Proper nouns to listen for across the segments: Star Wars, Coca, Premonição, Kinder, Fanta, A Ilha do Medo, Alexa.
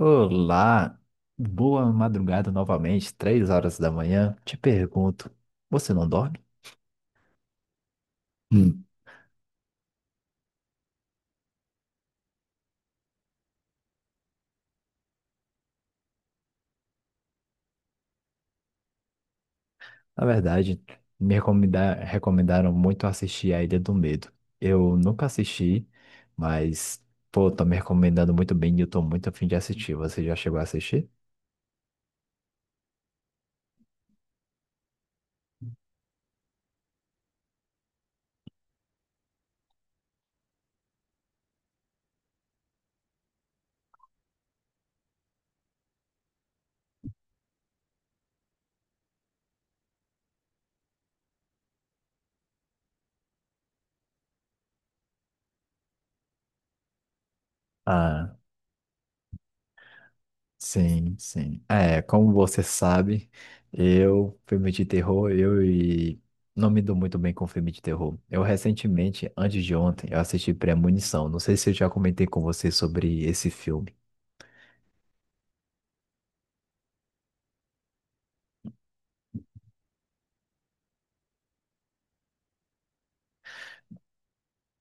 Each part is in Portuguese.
Olá, boa madrugada novamente, 3 horas da manhã. Te pergunto, você não dorme? Hum. Na verdade, recomendaram muito assistir A Ilha do Medo. Eu nunca assisti, mas, pô, tô me recomendando muito bem e eu tô muito afim de assistir. Você já chegou a assistir? Ah. Sim, sim. É, como você sabe, eu, filme de terror, eu e não me dou muito bem com filme de terror. Eu recentemente, antes de ontem, eu assisti Premonição. Não sei se eu já comentei com você sobre esse filme.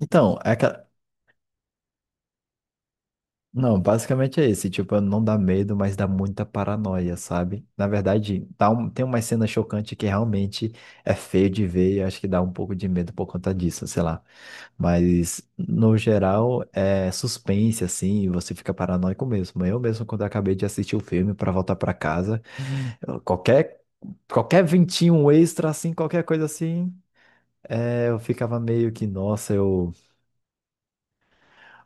Então, é aquela... Não, basicamente é esse, tipo, não dá medo, mas dá muita paranoia, sabe? Na verdade, tem uma cena chocante que realmente é feio de ver e acho que dá um pouco de medo por conta disso, sei lá. Mas, no geral, é suspense, assim, e você fica paranoico mesmo. Eu mesmo, quando eu acabei de assistir o filme para voltar para casa, eu- qualquer, qualquer ventinho extra, assim, qualquer coisa assim, eu ficava meio que, nossa, eu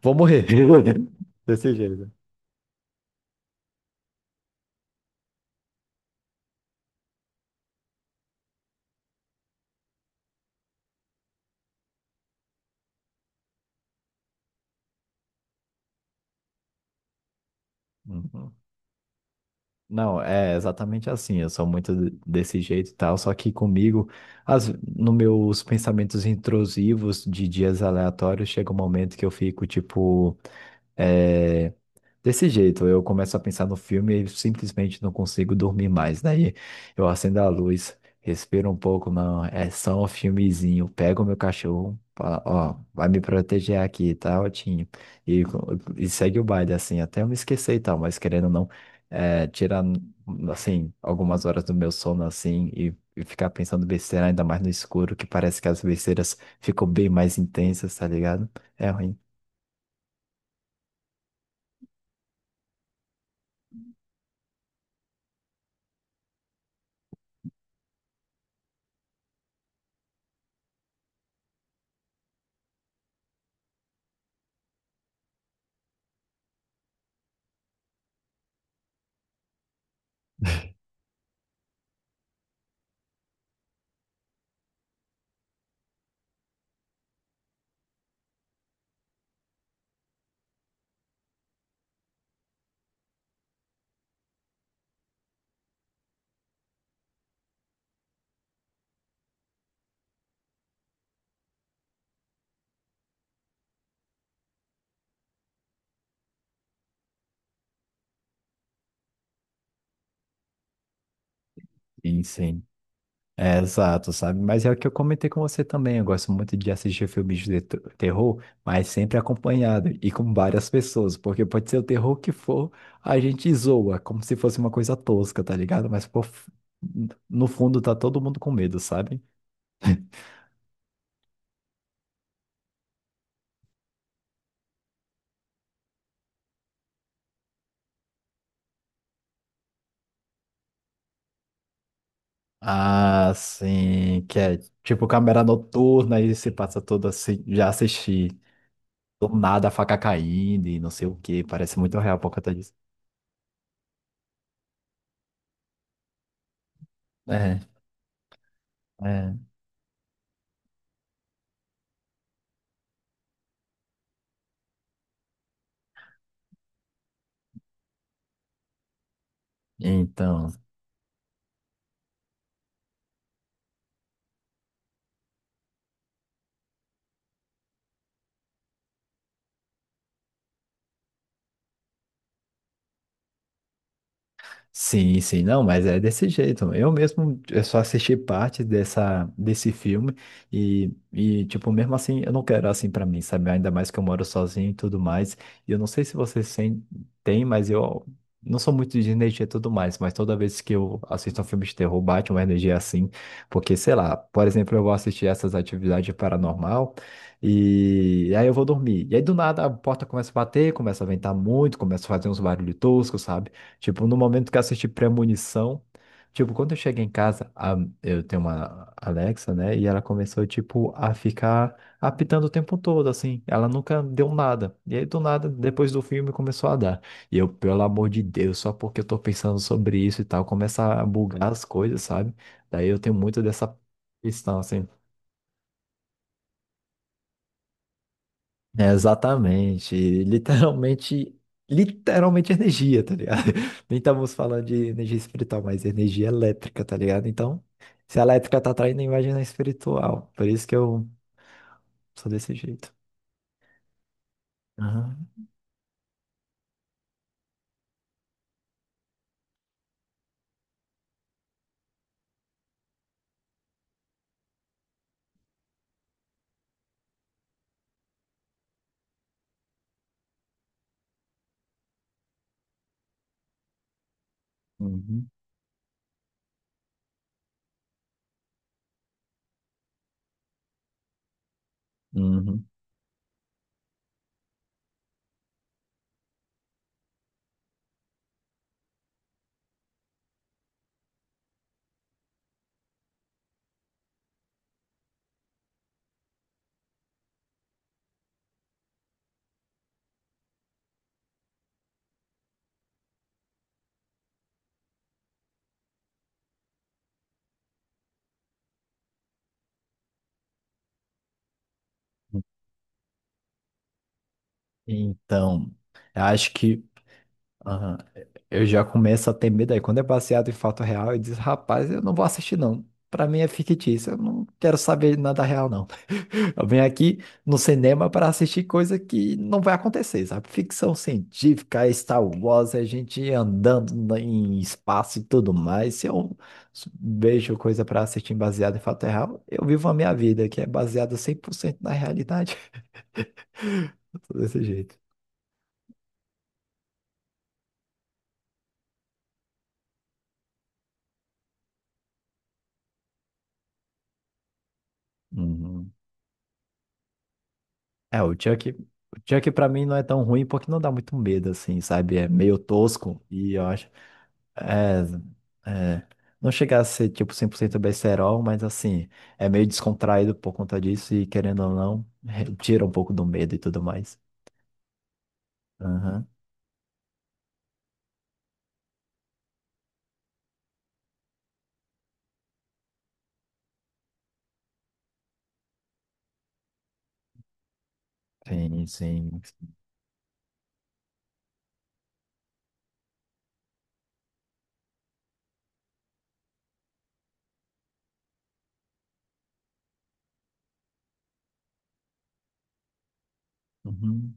vou morrer. Desse jeito. Uhum. Não, é exatamente assim. Eu sou desse jeito e tal, só que comigo, as, no meus pensamentos intrusivos de dias aleatórios, chega um momento que eu fico, tipo. é, Desse jeito, eu começo a pensar no filme e simplesmente não consigo dormir mais. Daí eu acendo a luz, respiro um pouco, não, é só um filmezinho. Pego meu cachorro, fala, ó, vai me proteger aqui, tá, Otinho? E, e segue o baile, assim, até eu me esquecer e tal, mas querendo ou não, é, tirar, assim, algumas horas do meu sono, assim, e ficar pensando besteira, ainda mais no escuro, que parece que as besteiras ficam bem mais intensas, tá ligado? É ruim. Sim, sim. É, exato, sabe? Mas é o que eu comentei com você também. Eu gosto muito de assistir filmes de terror, mas sempre acompanhado e com várias pessoas, porque pode ser o terror que for, a gente zoa, como se fosse uma coisa tosca, tá ligado? No fundo tá todo mundo com medo, sabe? Ah, sim, que é tipo câmera noturna e se passa todo assim. Já assisti. Do nada a faca caindo e não sei o que, parece muito real por conta disso. É, é. Então. Sim, sim, não, mas é desse jeito. Eu mesmo eu só assisti parte dessa, desse filme e, tipo, mesmo assim, eu não quero assim pra mim, sabe? Ainda mais que eu moro sozinho e tudo mais. E eu não sei se você tem, mas eu não sou muito de energia e tudo mais. Mas toda vez que eu assisto um filme de terror, bate uma energia assim. Porque, sei lá, por exemplo, eu vou assistir essas atividades paranormal e aí eu vou dormir. E aí do nada a porta começa a bater, começa a ventar muito, começa a fazer uns barulhos toscos, sabe? Tipo, no momento que eu assisti Premonição, tipo, quando eu cheguei em casa, eu tenho uma Alexa, né? E ela começou, tipo, a ficar apitando o tempo todo, assim. Ela nunca deu nada. E aí, do nada, depois do filme, começou a dar. E eu, pelo amor de Deus, só porque eu tô pensando sobre isso e tal, começa a bugar as coisas, sabe? Daí eu tenho muito dessa questão, assim. É, exatamente. Literalmente, literalmente energia, tá ligado? Nem estamos falando de energia espiritual, mas energia elétrica, tá ligado? Então, se a elétrica tá atraindo, imagina a espiritual. Por isso que eu sou desse jeito. Aham. Uhum. Uhum. Então, eu acho que aham, eu já começo a ter medo aí. Quando é baseado em fato real, eu diz rapaz, eu não vou assistir, não. Pra mim é fictício, eu não quero saber nada real, não. Eu venho aqui no cinema para assistir coisa que não vai acontecer, sabe? Ficção científica, é Star Wars, a gente andando em espaço e tudo mais. Se eu vejo coisa para assistir baseada em fato real, eu vivo a minha vida, que é baseada 100% na realidade. Desse jeito. Uhum. É, o Chuck para mim não é tão ruim porque não dá muito medo, assim, sabe? É meio tosco e eu acho é, é, não chega a ser tipo 100% besterol, mas assim, é meio descontraído por conta disso e querendo ou não, tira um pouco do medo e tudo mais. Aham, sim, sim. Uhum,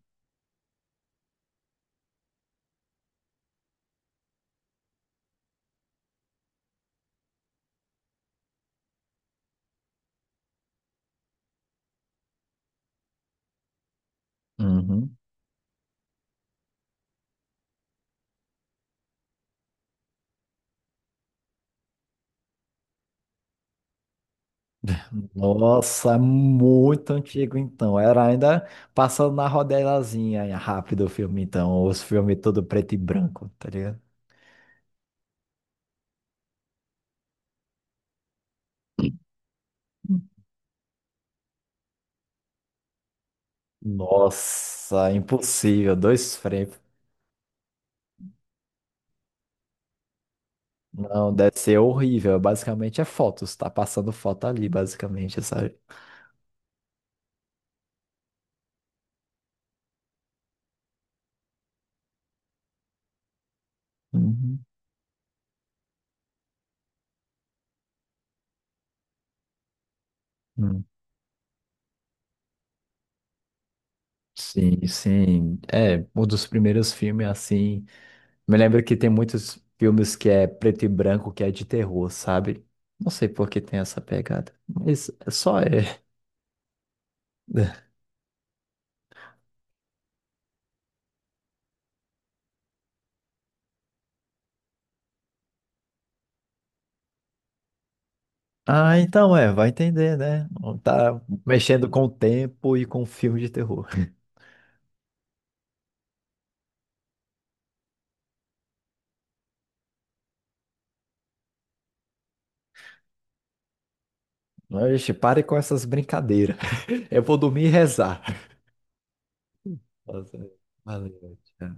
uhum. Nossa, é muito antigo então. Era ainda passando na rodelazinha rápido o filme então, os filmes todo preto e branco, tá ligado? Nossa, impossível, 2 frames. Não, deve ser horrível. Basicamente é fotos, tá passando foto ali, basicamente, sabe? Uhum. Hum. Sim, sim. É, um dos primeiros filmes assim. Me lembro que tem muitos filmes que é preto e branco, que é de terror, sabe? Não sei por que tem essa pegada, mas é só é. Ah, então é, vai entender, né? Tá mexendo com o tempo e com filme de terror. Oxe, pare com essas brincadeiras. Eu vou dormir e rezar. Nossa, valeu, tchau.